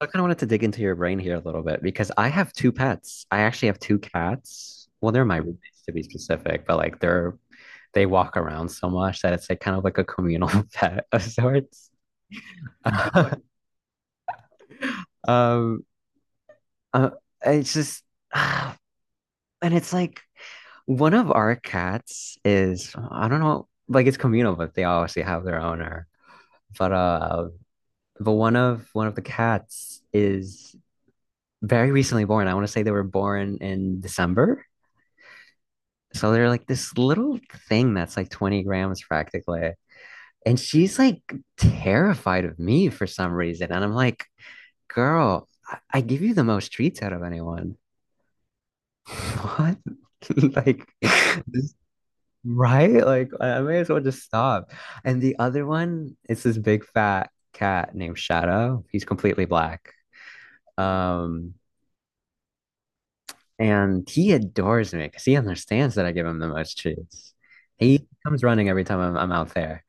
I kind of wanted to dig into your brain here a little bit because I have two pets. I actually have two cats. Well, they're my roommates to be specific, but they walk around so much that it's like kind of like a communal pet of sorts. Um, uh, it's just, and it's like one of our cats is I don't know, like it's communal, but they obviously have their owner. But uh, but one of the cats is very recently born. I want to say they were born in December. So they're like this little thing that's like 20 grams practically. And she's like terrified of me for some reason. And I'm like, girl, I give you the most treats out of anyone. What? Like, right? Like, I may as well just stop. And the other one is this big fat cat named Shadow. He's completely black. Um, and he adores me because he understands that I give him the most treats. He comes running every time I'm out there.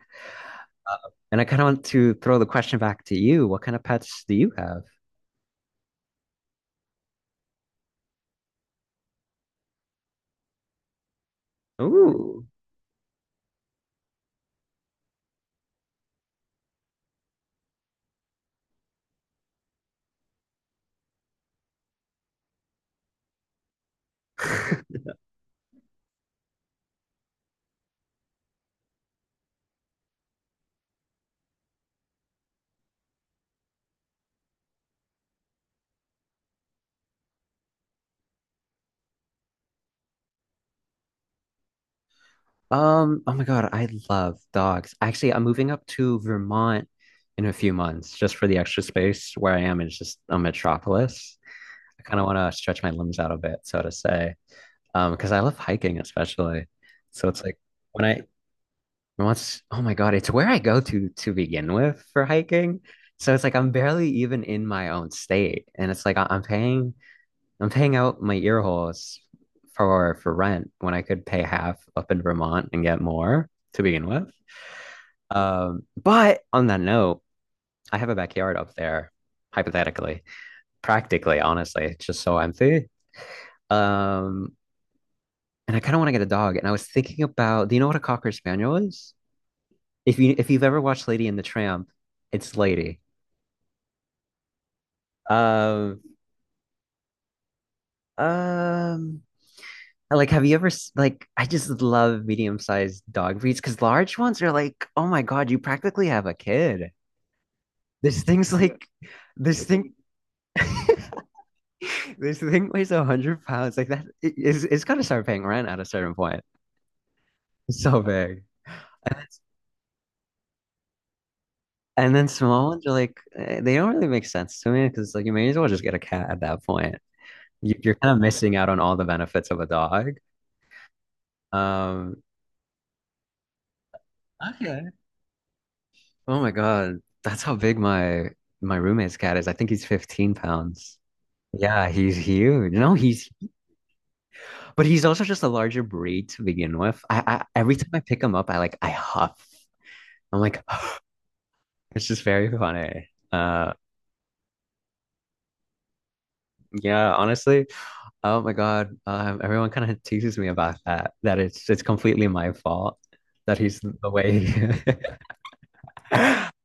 Uh, And I kind of want to throw the question back to you. What kind of pets do you have? Ooh. Oh my God, I love dogs. Actually, I'm moving up to Vermont in a few months just for the extra space where I am. Is just a metropolis. I kind of want to stretch my limbs out a bit, so to say. Because I love hiking especially. So it's like when I once, oh my God, it's where I go to begin with for hiking. So it's like I'm barely even in my own state. And it's like I'm paying out my ear holes for rent when I could pay half up in Vermont and get more to begin with. But on that note, I have a backyard up there, hypothetically, practically, honestly, it's just so empty. Um, and I kind of want to get a dog. And I was thinking about, do you know what a cocker spaniel is? If you've ever watched Lady and the Tramp, it's Lady. Um, um, Like, have you ever like? I just love medium-sized dog breeds because large ones are like, oh my God, you practically have a kid. This this thing, this thing weighs 100 pounds. Like that, it's gotta start paying rent at a certain point. It's so big. And then small ones are like, eh, they don't really make sense to me because like you may as well just get a cat at that point. You're kind of missing out on all the benefits of a dog. Um, Okay. Oh my God. That's how big my roommate's cat is. I think he's 15 pounds. Yeah, he's huge. No, he's but he's also just a larger breed to begin with. I every time I pick him up, I like I huff. I'm like, it's just very funny. Yeah, honestly. Oh my God. Everyone kind of teases me about that, it's completely my fault that he's the way.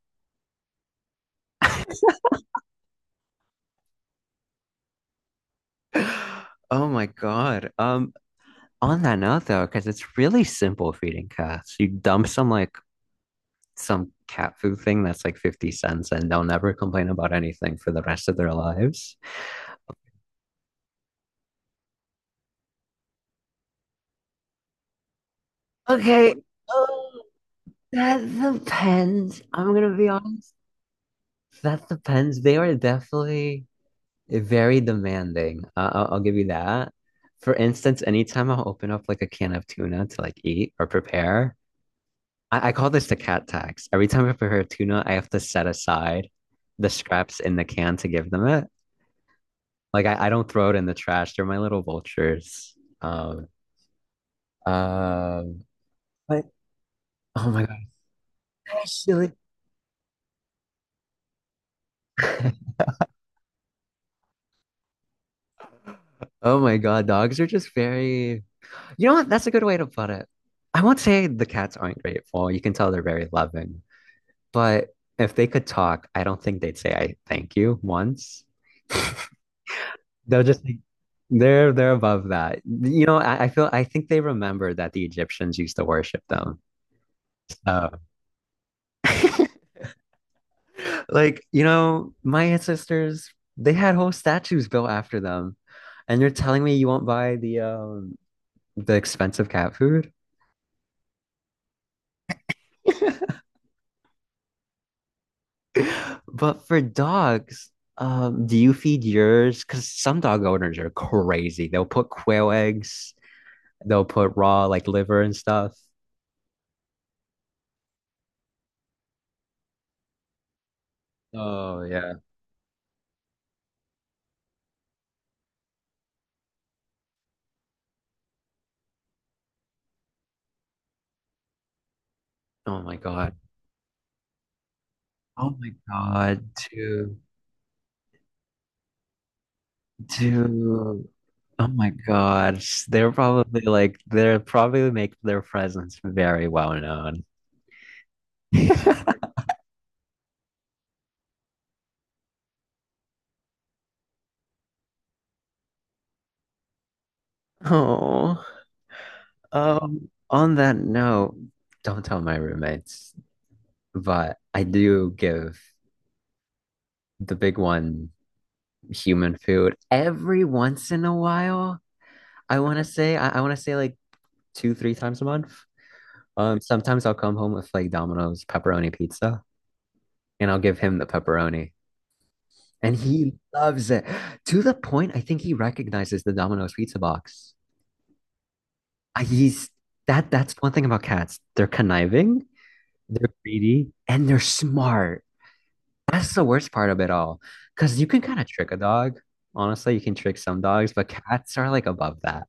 Oh my God. On that note, though, because it's really simple feeding cats, you dump some like some cat food thing that's like 50 cents and they'll never complain about anything for the rest of their lives. Okay. Oh, that depends. I'm gonna be honest. That depends. They are definitely very demanding. I'll give you that. For instance, anytime I'll open up like a can of tuna to like eat or prepare, I call this the cat tax. Every time I prepare tuna, I have to set aside the scraps in the can to give them it. Like I don't throw it in the trash. They're my little vultures. Um, um, but Oh my God, actually, oh my God, dogs are just very. You know what? That's a good way to put it. I won't say the cats aren't grateful. You can tell they're very loving, but if they could talk, I don't think they'd say I thank you once. They'll just like they're above that. You know, I think they remember that the Egyptians used to worship them. So like, you know, my ancestors, they had whole statues built after them. And you're telling me you won't buy the expensive cat food? But for dogs, do you feed yours? Because some dog owners are crazy. They'll put quail eggs, they'll put raw like liver and stuff. Oh yeah. Oh my God. Oh my God, dude. Oh my God, they're probably like they're probably make their presence very well known. Oh, on that note, don't tell my roommates, but I do give the big one human food every once in a while. I want to say, like two, three times a month. Sometimes I'll come home with like Domino's pepperoni pizza and I'll give him the pepperoni. And he loves it to the point I think he recognizes the Domino's pizza box. He's that that's one thing about cats. They're conniving, they're greedy, and they're smart. That's the worst part of it all. Because you can kind of trick a dog. Honestly, you can trick some dogs, but cats are like above that.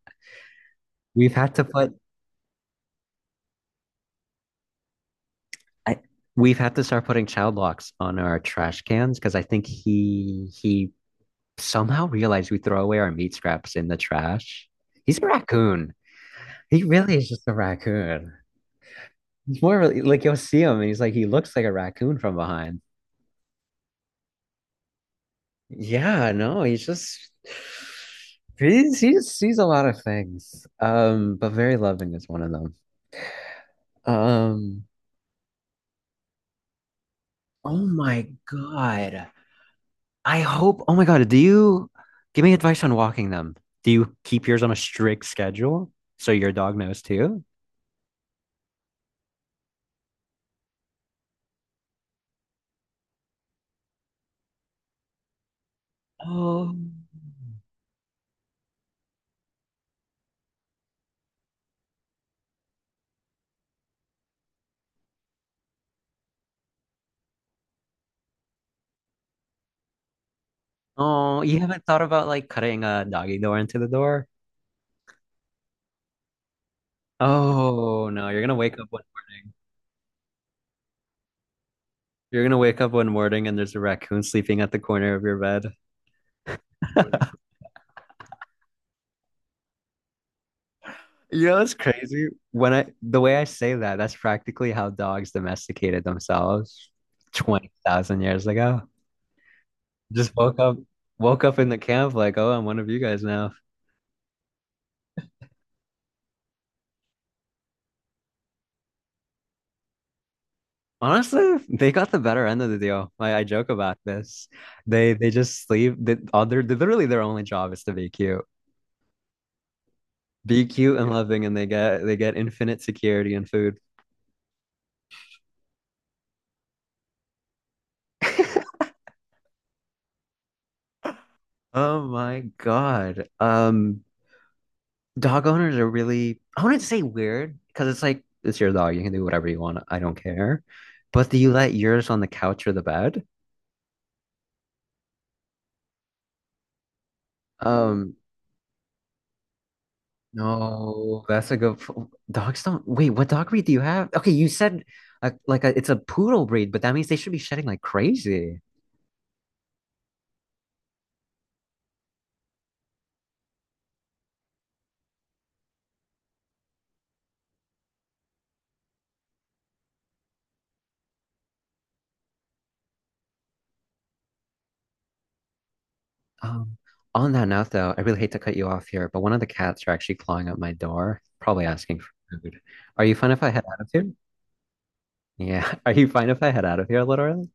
We've had to put I, we've had to start putting child locks on our trash cans because I think he somehow realized we throw away our meat scraps in the trash. He's a raccoon. He really is just a raccoon. It's more like you'll see him and he looks like a raccoon from behind. Yeah, no, he's just he's he sees a lot of things. But very loving is one of them. Um, oh my God. I hope, oh my God, do you give me advice on walking them? Do you keep yours on a strict schedule so your dog knows too? Oh, oh, you haven't thought about like cutting a doggy door into the door? Oh no. You're gonna wake up one morning and there's a raccoon sleeping at the corner of your bed. You know, it's crazy. When I The way I say that, that's practically how dogs domesticated themselves 20,000 years ago. Just woke up Woke up in the camp like, "Oh, I'm one of you guys now." Honestly, they got the better end of the deal. I joke about this. They just sleep. All their literally their only job is to be cute and loving, and they get infinite security and food. Oh my God. Dog owners are really, I wouldn't say weird because it's like, it's your dog. You can do whatever you want. I don't care. But do you let yours on the couch or the bed? Um, No, that's a good. Dogs don't. Wait, what dog breed do you have? Okay, you said it's a poodle breed, but that means they should be shedding like crazy. Um, on that note, though, I really hate to cut you off here, but one of the cats are actually clawing up my door, probably asking for food. Are you fine if I head out of here? Yeah. Are you fine if I head out of here a little early?